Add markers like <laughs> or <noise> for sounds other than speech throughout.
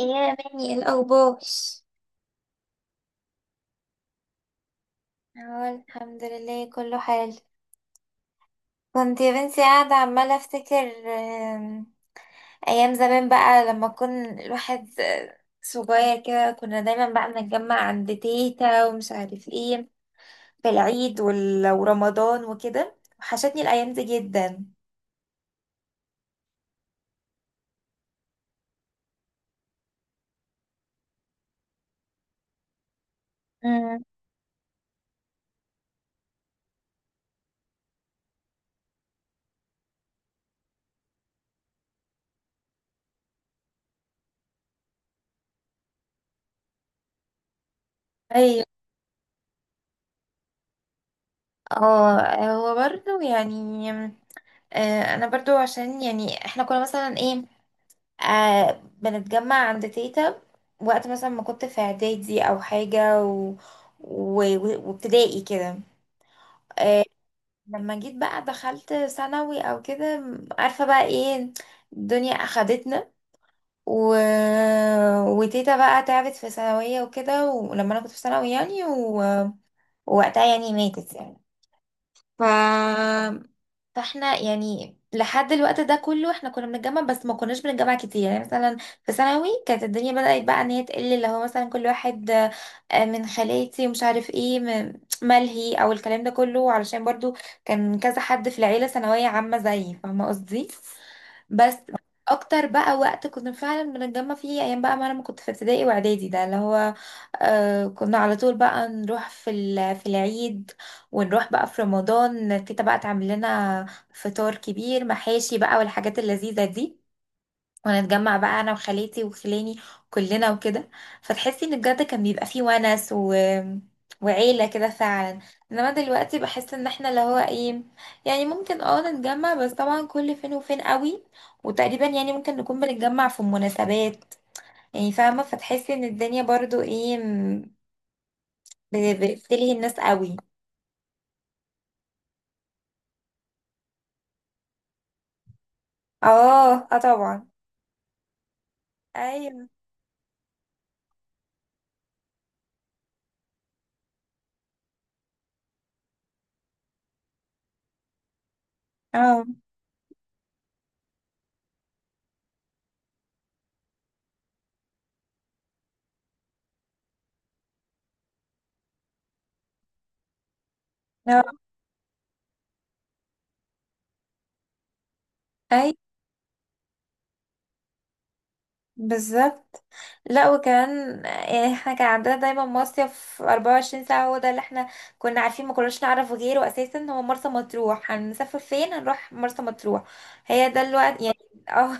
إيه يا بني، إيه الأخبار؟ اه الحمد لله كله حال. كنت يا بنتي قاعدة عمالة أفتكر، أيام زمان بقى لما كن الواحد صغير كده، كنا دايما بقى بنتجمع عند تيتا ومش عارف ايه في العيد ورمضان وكده. وحشتني الأيام دي جدا. امم. ايوه. اه، هو برضه يعني انا برضو عشان يعني احنا كنا مثلا ايه، بنتجمع عند تيتا وقت مثلا ما كنت في اعدادي او حاجة، وابتدائي كده. لما جيت بقى دخلت ثانوي او كده، عارفة بقى ايه؟ الدنيا اخدتنا، و... وتيتا بقى تعبت في ثانوية وكده، ولما انا كنت في ثانوي يعني و... ووقتها يعني ماتت يعني. ف فاحنا يعني لحد الوقت ده كله احنا كنا بنتجمع بس ما كناش بنتجمع كتير. يعني مثلا في ثانوي كانت الدنيا بدأت بقى ان هي تقل، اللي هو مثلا كل واحد من خالاتي ومش عارف ايه ملهي او الكلام ده كله، علشان برضو كان كذا حد في العيلة ثانوية عامة زيي، فاهمة قصدي؟ بس اكتر بقى وقت كنا فعلا بنتجمع فيه ايام بقى ما انا ما كنت في ابتدائي واعدادي، ده اللي هو كنا على طول بقى نروح في العيد، ونروح بقى في رمضان تيتا بقى تعمل لنا فطار كبير محاشي بقى والحاجات اللذيذة دي، ونتجمع بقى انا وخالاتي وخلاني كلنا وكده. فتحسي ان بجد كان بيبقى فيه ونس و... وعيلة كده فعلا. انما دلوقتي بحس ان احنا اللي هو ايه، يعني ممكن اه نتجمع، بس طبعا كل فين وفين قوي، وتقريبا يعني ممكن نكون بنتجمع في مناسبات يعني، فاهمة؟ فتحسي ان الدنيا برضو ايه، بتلهي الناس قوي. اه، اه، طبعا. ايوه. اه، اه، اي. بالظبط. لا وكمان يعني احنا كان عندنا دايما مصيف 24 ساعة. هو ده اللي احنا كنا عارفين، ما كناش نعرف غيره اساسا، هو مرسى مطروح. هنسافر فين؟ هنروح مرسى مطروح. هي ده الوقت يعني. اه،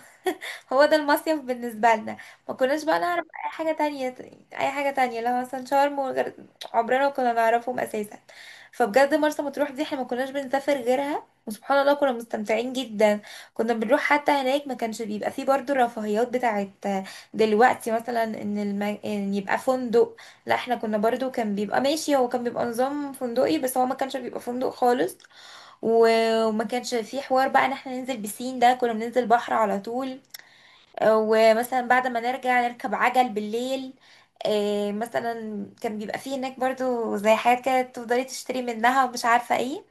هو ده المصيف بالنسبة لنا، ما كناش بقى نعرف اي حاجة تانية. اي حاجة تانية لو مثلا شرم وغير، عمرنا ما كنا نعرفهم اساسا. فبجد مرسى مطروح دي احنا ما كناش بنسافر غيرها، وسبحان الله كنا مستمتعين جدا. كنا بنروح حتى هناك ما كانش بيبقى فيه برضو الرفاهيات بتاعت دلوقتي، مثلا إن يبقى فندق. لا احنا كنا برضو كان بيبقى ماشي، هو كان بيبقى نظام فندقي بس هو ما كانش بيبقى فندق خالص. وما كانش فيه حوار بقى ان احنا ننزل بسين، ده كنا بننزل بحر على طول. ومثلا بعد ما نرجع نركب عجل بالليل. مثلا كان بيبقى فيه هناك برضو زي حاجات كده تفضلي تشتري منها ومش عارفة ايه،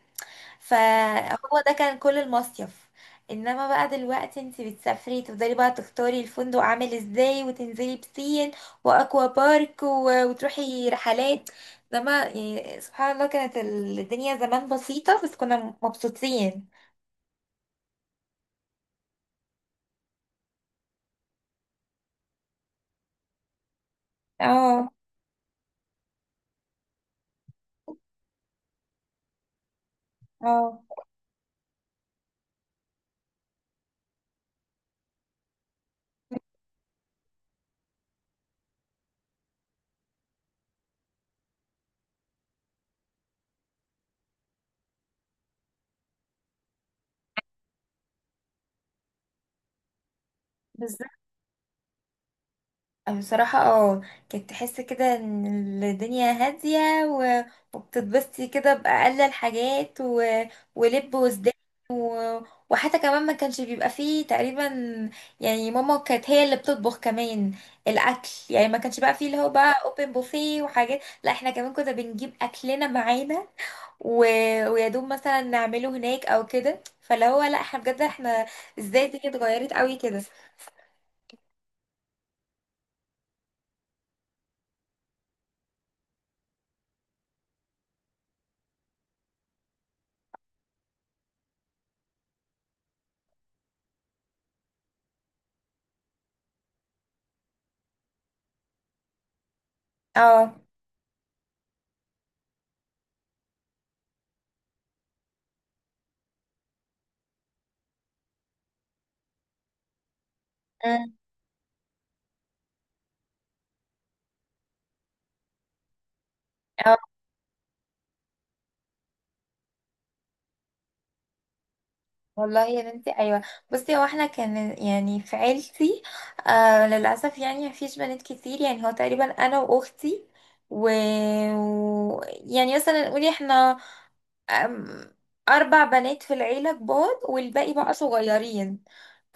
فهو ده كان كل المصيف. انما بقى دلوقتي انت بتسافري تفضلي بقى تختاري الفندق عامل ازاي وتنزلي بسين واكوا بارك وتروحي رحلات. انما يعني سبحان الله كانت الدنيا زمان بسيطة بس كنا مبسوطين. اه، اه، بالظبط. بصراحة اه، كنت تحس كده ان الدنيا هادية، و... وبتتبسطي كده بأقل الحاجات، و... ولب وسدان. و... وحتى كمان ما كانش بيبقى فيه تقريبا يعني، ماما كانت هي اللي بتطبخ كمان الأكل، يعني ما كانش بقى فيه اللي هو بقى اوبن بوفيه وحاجات، لا احنا كمان كنا بنجيب أكلنا معانا، و... ويا دوب مثلا نعمله هناك او كده. فاللي هو لا، احنا بجد احنا ازاي الدنيا اتغيرت قوي كده. اه. أمم. اه والله يا بنتي ايوه، بصي هو احنا كان يعني في عيلتي للاسف يعني مفيش بنات كتير، يعني هو تقريبا انا واختي، و... و... يعني مثلا نقول احنا أم... اربع بنات في العيله كبار والباقي بقى صغيرين.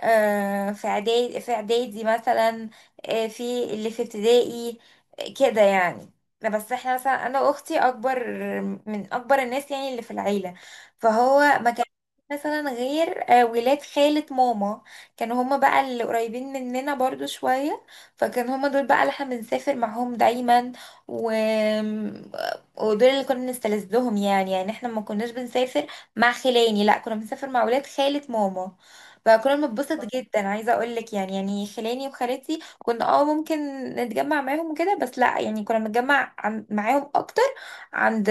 في اعدادي في اعدادي مثلا، في اللي في ابتدائي، كده يعني. لا بس احنا مثلا انا واختي اكبر من اكبر الناس يعني اللي في العيله، فهو ما كان مثلا غير ولاد خالة ماما. كانوا هما بقى اللي قريبين مننا برضو شوية، فكان هما دول بقى اللي احنا بنسافر معاهم دايما. و... ودول اللي كنا بنستلذهم يعني، يعني احنا ما كناش بنسافر مع خلاني، لا كنا بنسافر مع ولاد خالة ماما. فكنا بنتبسط جدا، عايزه اقول لك يعني يعني خلاني وخالتي كنا اه ممكن نتجمع معاهم وكده، بس لا يعني كنا بنتجمع معاهم اكتر عند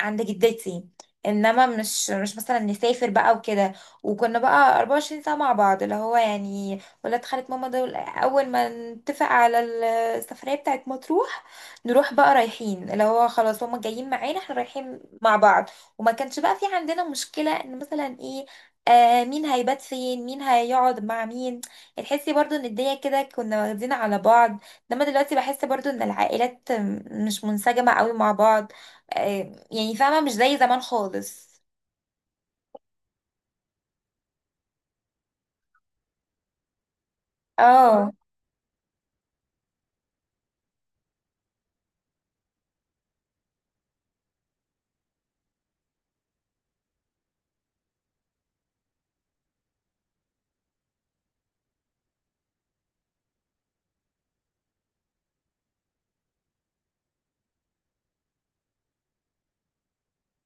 جدتي، انما مش مثلا نسافر بقى وكده. وكنا بقى 24 ساعه مع بعض، اللي هو يعني ولاد خالة ماما دول اول ما نتفق على السفريه بتاعت مطروح نروح بقى رايحين، اللي هو خلاص هما جايين معانا احنا رايحين مع بعض. وما كانش بقى في عندنا مشكله ان مثلا ايه، آه، مين هيبات فين، مين هيقعد مع مين، يعني تحسي برضو ان الدنيا كده كنا واخدين على بعض. انما دلوقتي بحس برضو ان العائلات مش منسجمة قوي مع بعض. آه، يعني فاهمة، مش زي زمان خالص. اه،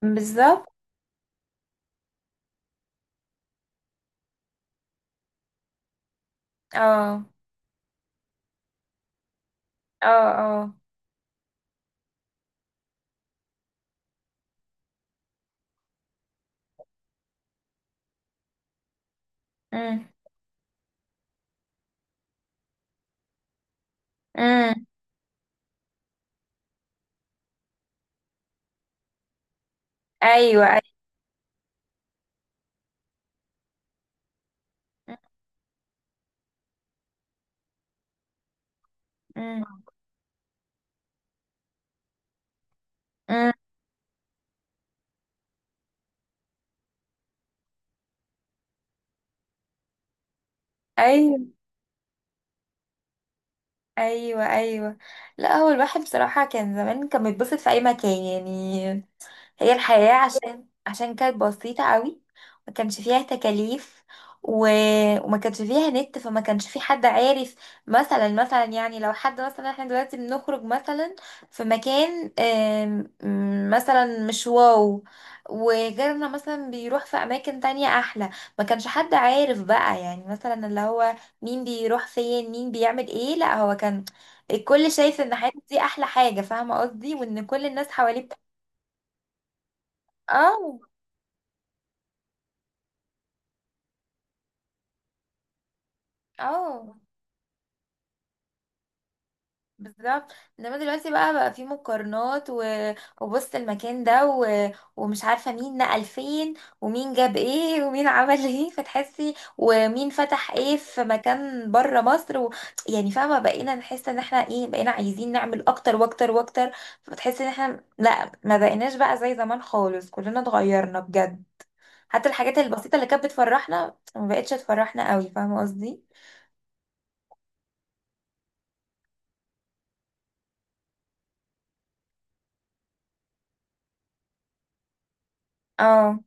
بالظبط. اه، اه، اه. امم، امم. ايوه، ايوه. امم، امم. ايوه، ايوه، ايوه. لا هو الواحد بصراحة كان زمان كان بيتبسط في اي مكان يعني، هي الحياة عشان كانت بسيطة قوي، ما كانش فيها تكاليف، و... وما كانش فيها نت. فما كانش في حد عارف، مثلا يعني لو حد مثلا احنا دلوقتي بنخرج مثلا في مكان مثلا مش واو، وغيرنا مثلا بيروح في اماكن تانية احلى، ما كانش حد عارف بقى يعني مثلا اللي هو مين بيروح فين، مين بيعمل ايه. لا، هو كان الكل شايف ان حياتي دي احلى حاجة، فاهمة قصدي؟ وان كل الناس حواليه اه، اه، بالظبط. انما دلوقتي بقى في مقارنات، و... وبص المكان ده، و... ومش عارفه مين نقل فين، ومين جاب ايه، ومين عمل ايه <laughs> فتحسي، ومين فتح ايه في مكان بره مصر. و... يعني فاهمه، بقينا نحس ان احنا ايه، بقينا عايزين نعمل اكتر واكتر واكتر. فتحس ان احنا لا، ما بقيناش بقى زي زمان خالص، كلنا اتغيرنا بجد. حتى الحاجات البسيطه اللي كانت بتفرحنا ما بقتش تفرحنا قوي، فاهمه قصدي؟ اه،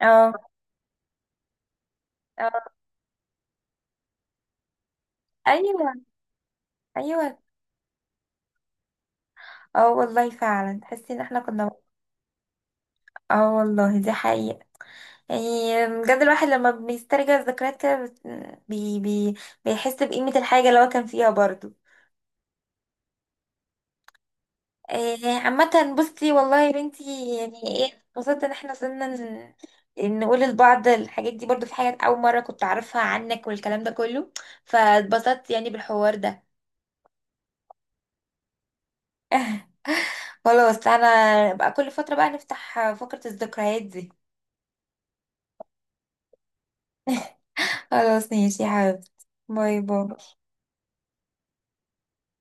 اه، اه. ايوه، ايوه. اه والله فعلا تحسي ان احنا كنا. اه والله دي حقيقة. يعني بجد الواحد لما بيسترجع الذكريات كده بت- بي بي بيحس بقيمة الحاجة اللي هو كان فيها برضو. إيه عامة بصي، والله يا بنتي، يعني ايه، اتبسطت ان احنا وصلنا نقول لبعض الحاجات دي، برضو في حاجات أول مرة كنت أعرفها عنك والكلام ده كله، فاتبسطت يعني بالحوار ده. <laughs> خلاص، أنا بقى كل فترة بقى نفتح فقرة الذكريات دي. خلاص ماشي يا حبيبتي. باي باي.